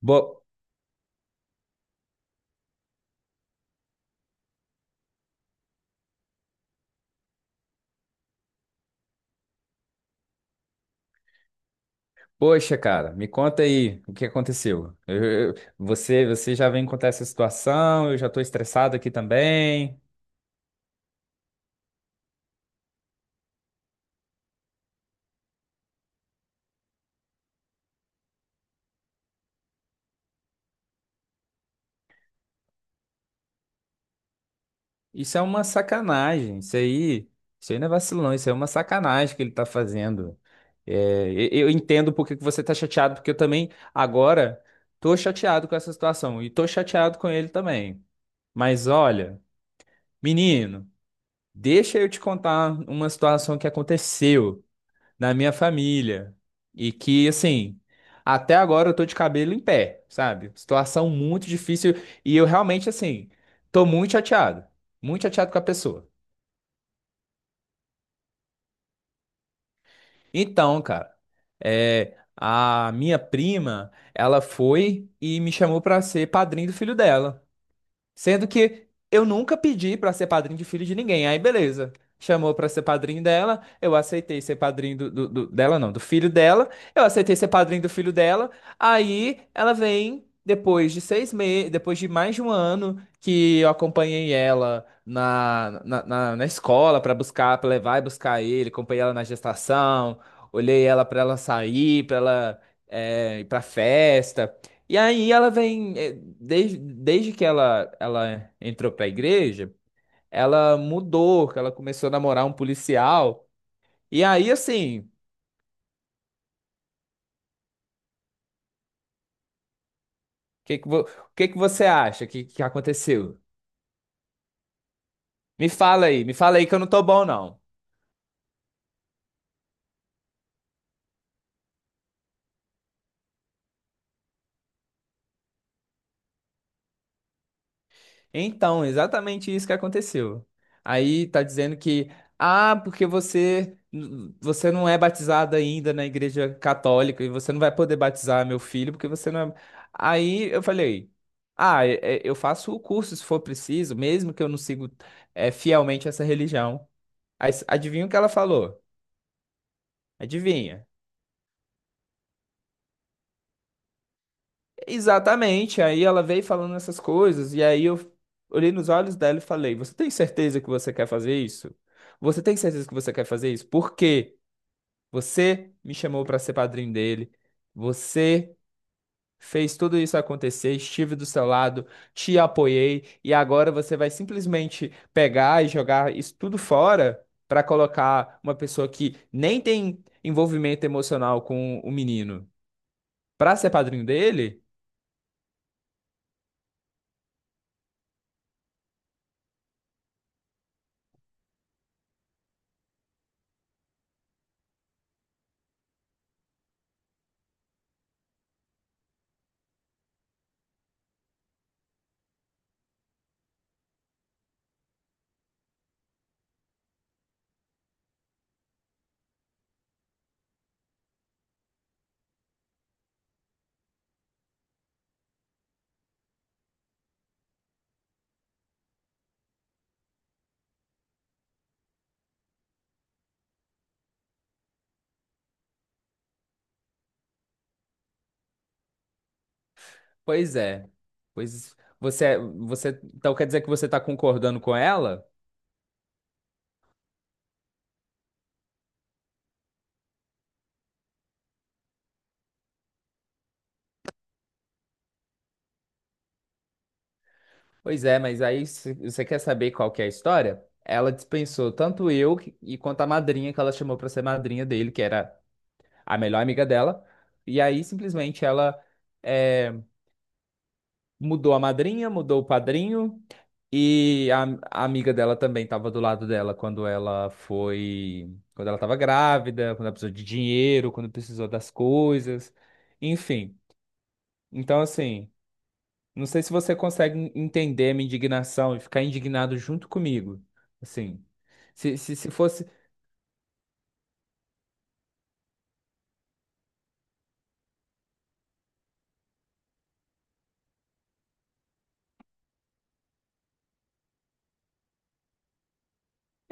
Bo- Poxa, cara, me conta aí o que aconteceu. Você já vem contar essa situação, eu já tô estressado aqui também. Isso é uma sacanagem, isso aí não é vacilão, isso aí é uma sacanagem que ele tá fazendo. É, eu entendo por que que você tá chateado, porque eu também agora tô chateado com essa situação e tô chateado com ele também. Mas olha, menino, deixa eu te contar uma situação que aconteceu na minha família. E que, assim, até agora eu tô de cabelo em pé, sabe? Situação muito difícil e eu realmente, assim, tô muito chateado. Muito chateado com a pessoa. Então, cara, é, a minha prima, ela foi e me chamou pra ser padrinho do filho dela. Sendo que eu nunca pedi pra ser padrinho de filho de ninguém. Aí, beleza. Chamou pra ser padrinho dela, eu aceitei ser padrinho não, do filho dela. Eu aceitei ser padrinho do filho dela. Aí ela vem depois de seis meses, depois de mais de um ano que eu acompanhei ela na escola pra buscar, pra levar e buscar ele, acompanhei ela na gestação, olhei ela pra ela sair, pra ela ir pra festa. E aí ela vem, desde que ela entrou pra igreja, ela mudou, que ela começou a namorar um policial. E aí, assim, o que que, o que que você acha que aconteceu? Me fala aí que eu não tô bom, não. Então, exatamente isso que aconteceu. Aí tá dizendo que, ah, porque você não é batizado ainda na igreja católica e você não vai poder batizar meu filho porque você não é... Aí eu falei, ah, eu faço o curso se for preciso, mesmo que eu não sigo fielmente essa religião. Aí, adivinha o que ela falou? Adivinha? Exatamente. Aí ela veio falando essas coisas, e aí eu olhei nos olhos dela e falei: Você tem certeza que você quer fazer isso? Você tem certeza que você quer fazer isso? Porque você me chamou para ser padrinho dele, você fez tudo isso acontecer, estive do seu lado, te apoiei, e agora você vai simplesmente pegar e jogar isso tudo fora para colocar uma pessoa que nem tem envolvimento emocional com o menino para ser padrinho dele? Pois é. Pois você, então quer dizer que você está concordando com ela? Pois é, mas aí você quer saber qual que é a história? Ela dispensou tanto eu e quanto a madrinha que ela chamou para ser madrinha dele, que era a melhor amiga dela. E aí simplesmente ela é, mudou a madrinha, mudou o padrinho e a, a amiga dela também estava do lado dela quando ela foi, quando ela estava grávida, quando ela precisou de dinheiro, quando precisou das coisas, enfim. Então, assim, não sei se você consegue entender a minha indignação e ficar indignado junto comigo. Assim, se fosse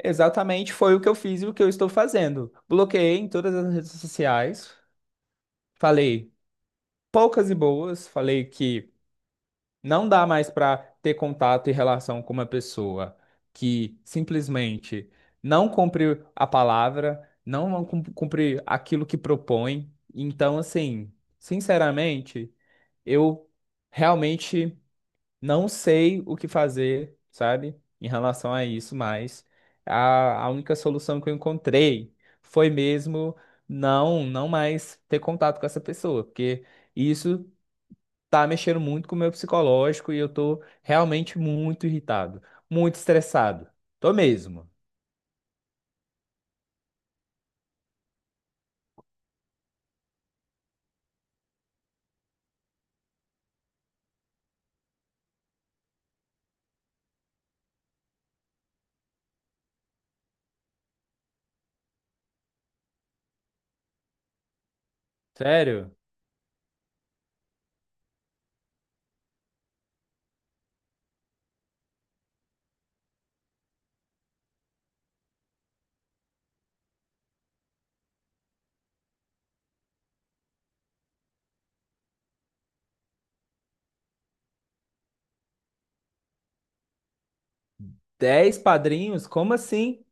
exatamente foi o que eu fiz e o que eu estou fazendo. Bloqueei em todas as redes sociais, falei poucas e boas, falei que não dá mais para ter contato e relação com uma pessoa que simplesmente não cumpre a palavra, não cum- cumpre aquilo que propõe. Então, assim, sinceramente, eu realmente não sei o que fazer, sabe, em relação a isso, mas a única solução que eu encontrei foi mesmo não mais ter contato com essa pessoa, porque isso tá mexendo muito com o meu psicológico e eu tô realmente muito irritado, muito estressado. Tô mesmo. Sério? Dez padrinhos? Como assim?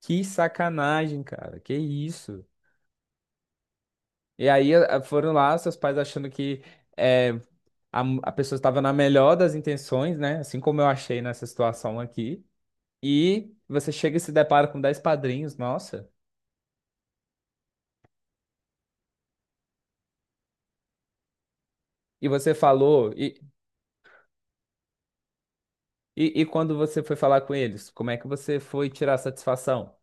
Que sacanagem, cara. Que isso? E aí foram lá, seus pais achando que eh, a pessoa estava na melhor das intenções, né? Assim como eu achei nessa situação aqui. E você chega e se depara com 10 padrinhos, nossa. E você falou, e quando você foi falar com eles, como é que você foi tirar satisfação?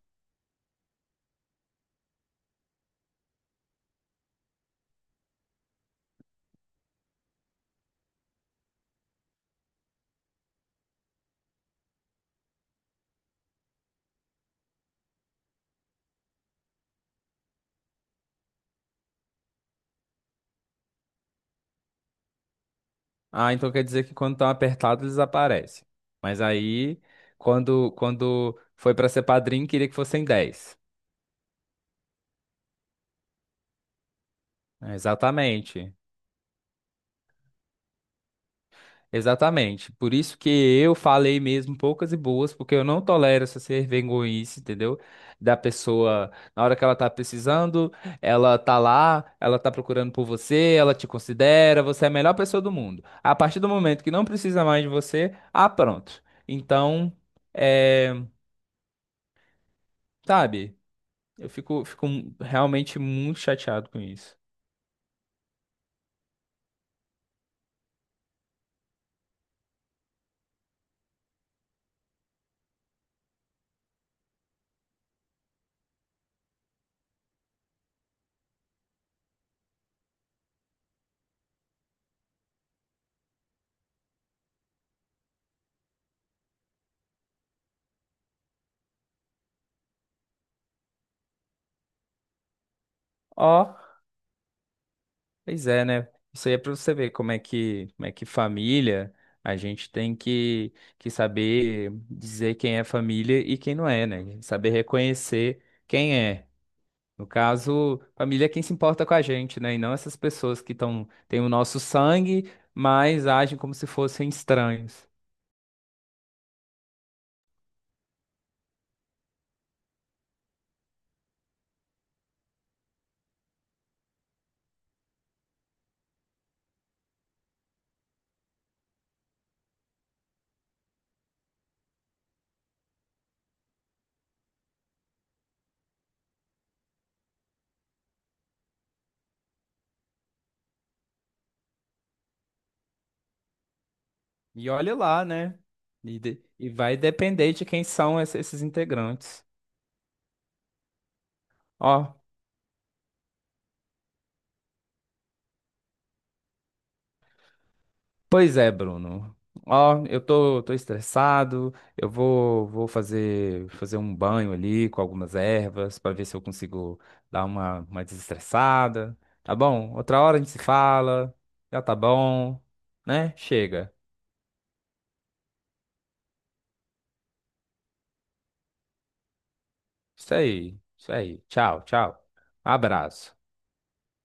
Ah, então quer dizer que quando estão apertados eles aparecem. Mas aí, quando foi para ser padrinho, queria que fossem 10. É, exatamente. Exatamente. Por isso que eu falei mesmo poucas e boas, porque eu não tolero essa ser vergonhice, entendeu? Da pessoa, na hora que ela tá precisando, ela tá lá, ela tá procurando por você, ela te considera, você é a melhor pessoa do mundo. A partir do momento que não precisa mais de você, ah, pronto. Então, é, sabe, eu fico realmente muito chateado com isso. Ó. Pois é, né? Isso aí é para você ver como é que família, a gente tem que saber dizer quem é família e quem não é, né? Saber reconhecer quem é. No caso, família é quem se importa com a gente, né? E não essas pessoas que tão, têm o nosso sangue, mas agem como se fossem estranhos. E olha lá, né? E, e vai depender de quem são esses integrantes. Ó, pois é, Bruno. Ó, eu tô estressado. Eu vou fazer, fazer um banho ali com algumas ervas para ver se eu consigo dar uma desestressada. Tá bom? Outra hora a gente se fala. Já tá bom, né? Chega. Isso aí, isso aí. Tchau, tchau. Abraço.